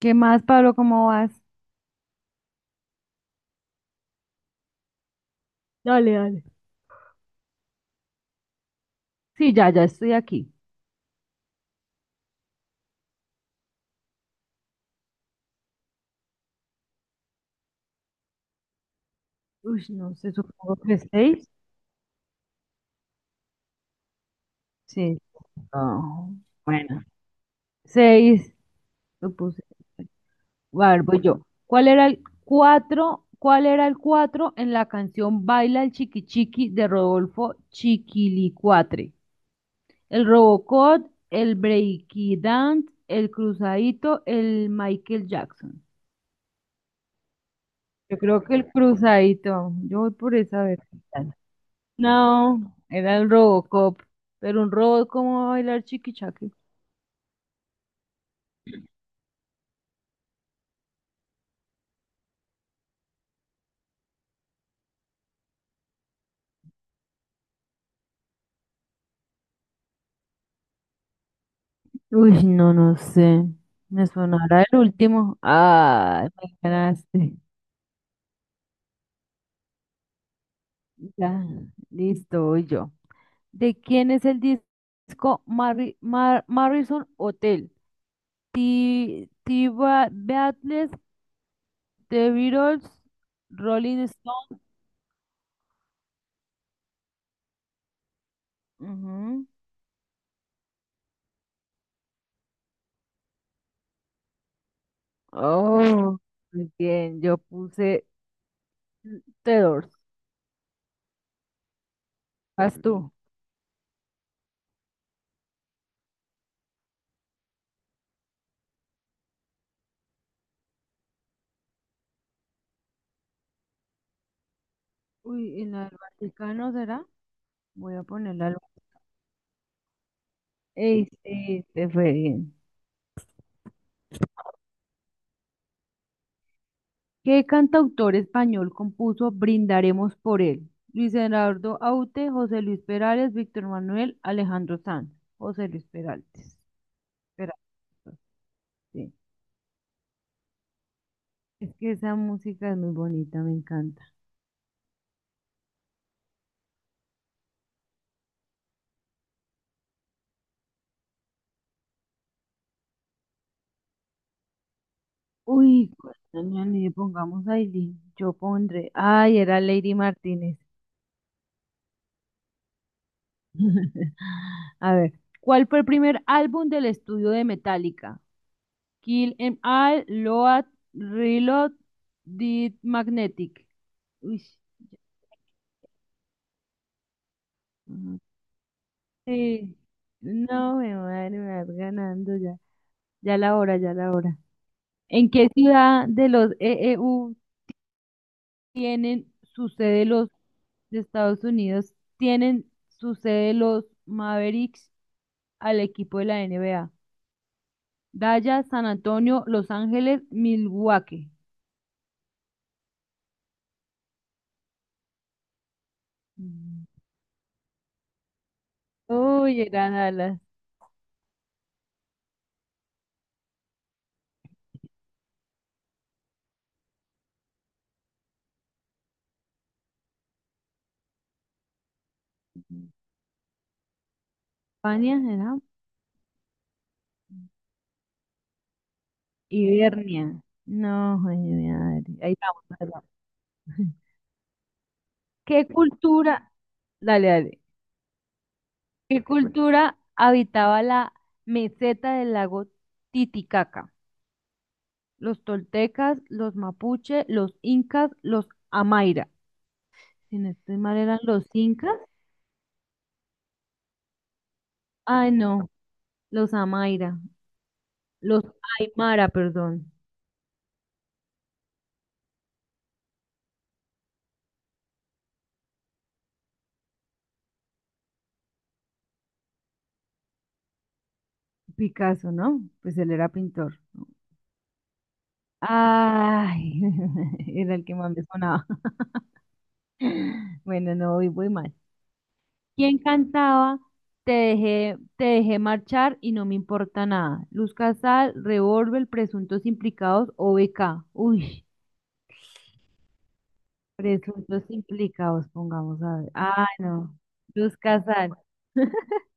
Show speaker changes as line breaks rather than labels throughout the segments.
¿Qué más, Pablo? ¿Cómo vas? Dale, dale. Sí, ya, ya estoy aquí. Uy, no sé, supongo que seis. Sí. No, bueno, seis. Lo puse. A ver, voy yo. ¿Cuál era el cuatro? ¿Cuál era el cuatro en la canción Baila el Chiqui Chiqui de Rodolfo Chiquilicuatre? El Robocop, el Breaky Dance, el Cruzadito, el Michael Jackson. Yo creo que el Cruzadito. Yo voy por esa vez. No, era el Robocop, pero un robot como va a bailar chiquichaque. Uy, no, no sé. Me sonará el último. Ah, me ganaste. Ya, listo, voy yo. ¿De quién es el disco Marrison Hotel? Beatles, The Beatles, Rolling Stone. Ujú. Oh, muy bien, yo puse Tedors. ¿Vas tú? Uy, ¿en el Vaticano será? Voy a ponerla. Ey, sí, este fue bien. ¿Qué cantautor español compuso Brindaremos por él? Luis Gerardo Aute, José Luis Perales, Víctor Manuel, Alejandro Sanz. José Luis Peraltes. Peralta, sí. Es que esa música es muy bonita, me encanta. Uy, cuando me anime, pongamos Aileen, yo pondré. Ay, era Lady Martínez. A ver, ¿cuál fue el primer álbum del estudio de Metallica? Kill 'Em All, Load, Reload, Did Magnetic. Uy, ujú, sí. No, me madre, me vas ganando ya. Ya la hora, ya la hora. ¿En qué ciudad de los EEU tienen su sede los de Estados Unidos? Tienen su sede los Mavericks, al equipo de la NBA. Dallas, San Antonio, Los Ángeles, Milwaukee. Mm, Uy, era Dallas. mm, España, ¿era? Hibernia. No, joder, mi madre. Ahí vamos, ahí vamos. ¿Qué cultura, dale, dale, qué cultura habitaba la meseta del lago Titicaca? Los toltecas, los mapuche, los incas, los amaira. Si no estoy mal, eran los incas. Ay, no, los amaira, los aymara, perdón. Picasso, ¿no? Pues él era pintor. Ay, era el que más me sonaba. Bueno, no, voy mal. ¿Quién cantaba? Te dejé marchar y no me importa nada. Luz Casal, Revólver, Presuntos Implicados o BK. Uy, Presuntos Implicados, pongamos a ver. Ah, no. Luz Casal.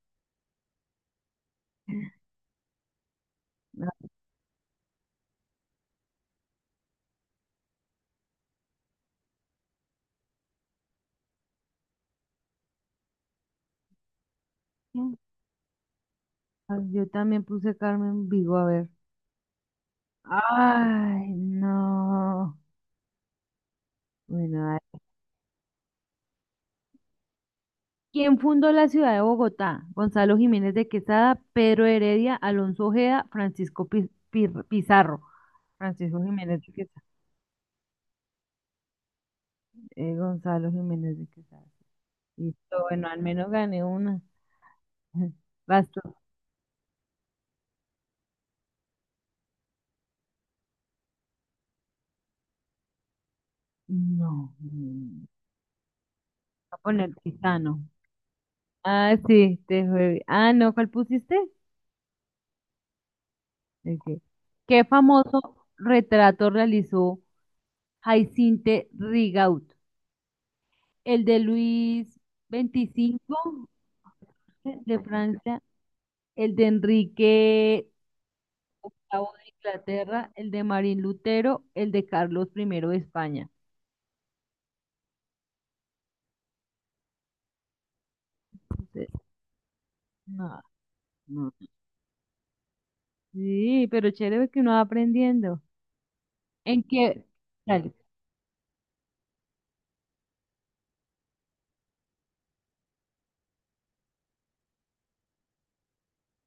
Ah, yo también puse Carmen Vigo, a ver. Ay, no. Bueno, a ver. ¿Quién fundó la ciudad de Bogotá? Gonzalo Jiménez de Quesada, Pedro Heredia, Alonso Ojeda, Francisco Pizarro. Francisco Jiménez de Quesada. Gonzalo Jiménez de Quesada. Y yo, bueno, al menos gané una. Vas tú. No. Voy a poner Tizano. Ah, sí, te fue. Ah, no, ¿cuál pusiste? El ¿qué famoso retrato realizó Jaicinte Rigaud? ¿El de Luis veinticinco de Francia? ¿El de Enrique octavo de Inglaterra? ¿El de Marín Lutero? ¿El de Carlos primero de España? Entonces, no, no, sí, pero chévere que uno va aprendiendo. ¿En qué? Dale.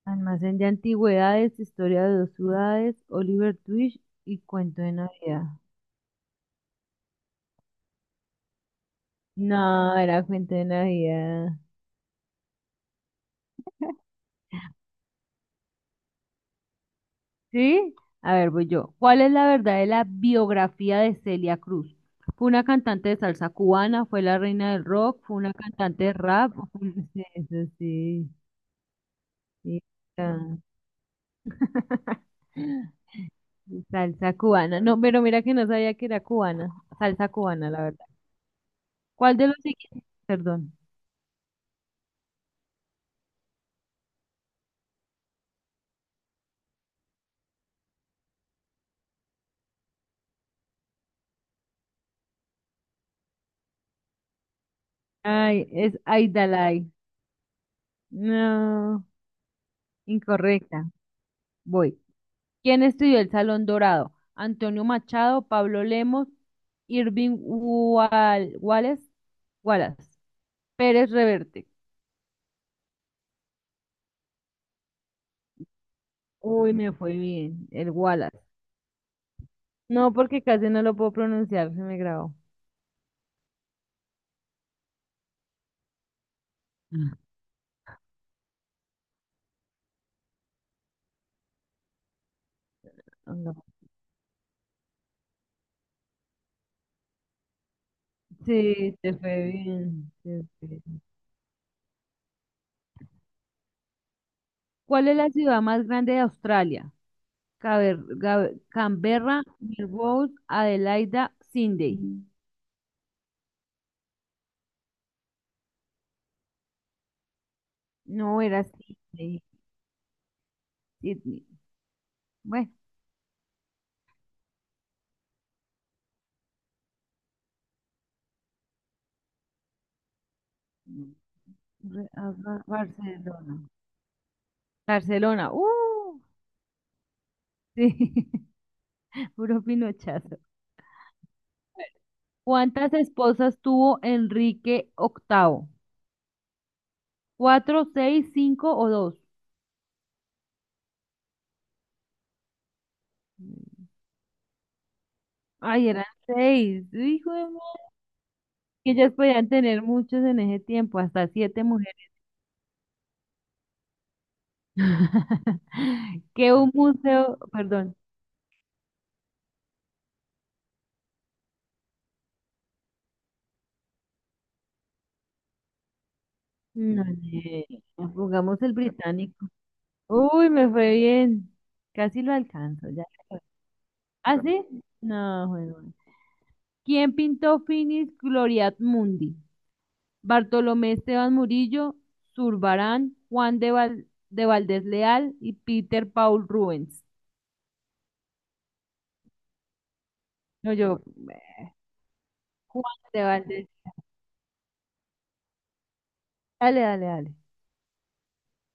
Almacén de antigüedades, historia de dos ciudades, Oliver Twist y cuento de Navidad. No, era cuento de Navidad. ¿Sí? A ver, voy yo. ¿Cuál es la verdad de la biografía de Celia Cruz? ¿Fue una cantante de salsa cubana? ¿Fue la reina del rock? ¿Fue una cantante de rap? Sí, eso sí, sí, ah. Salsa cubana. No, pero mira que no sabía que era cubana. Salsa cubana, la verdad. ¿Cuál de los siguientes? Perdón. Ay, es Aidalay. No, incorrecta. Voy. ¿Quién estudió el Salón Dorado? Antonio Machado, Pablo Lemos, Irving Wallace, Pérez Reverte. Uy, me fue bien, el Wallace. No, porque casi no lo puedo pronunciar, se me grabó. Ah, no. Sí, te fue bien, te fue bien. ¿Cuál es la ciudad más grande de Australia? Canberra, Melbourne, Adelaida, Sydney. Mm. No era Sydney, Sydney. Bueno, Barcelona. Barcelona. ¡Uh! Sí, puro pinochazo. ¿Cuántas esposas tuvo Enrique Octavo? ¿Cuatro, seis, cinco o dos? Ay, eran seis. Hijo de madre. Que ellas podían tener muchos en ese tiempo, hasta siete. Que un museo, perdón, no, eh, pongamos el británico. Uy, me fue bien. Casi lo alcanzo, ya. ¿Ah, sí? No, bueno. ¿Quién pintó Finis Gloriat Mundi? Bartolomé Esteban Murillo, Zurbarán, de Valdés Leal y Peter Paul Rubens. No, yo, eh, Juan de Valdés. Dale, dale, dale.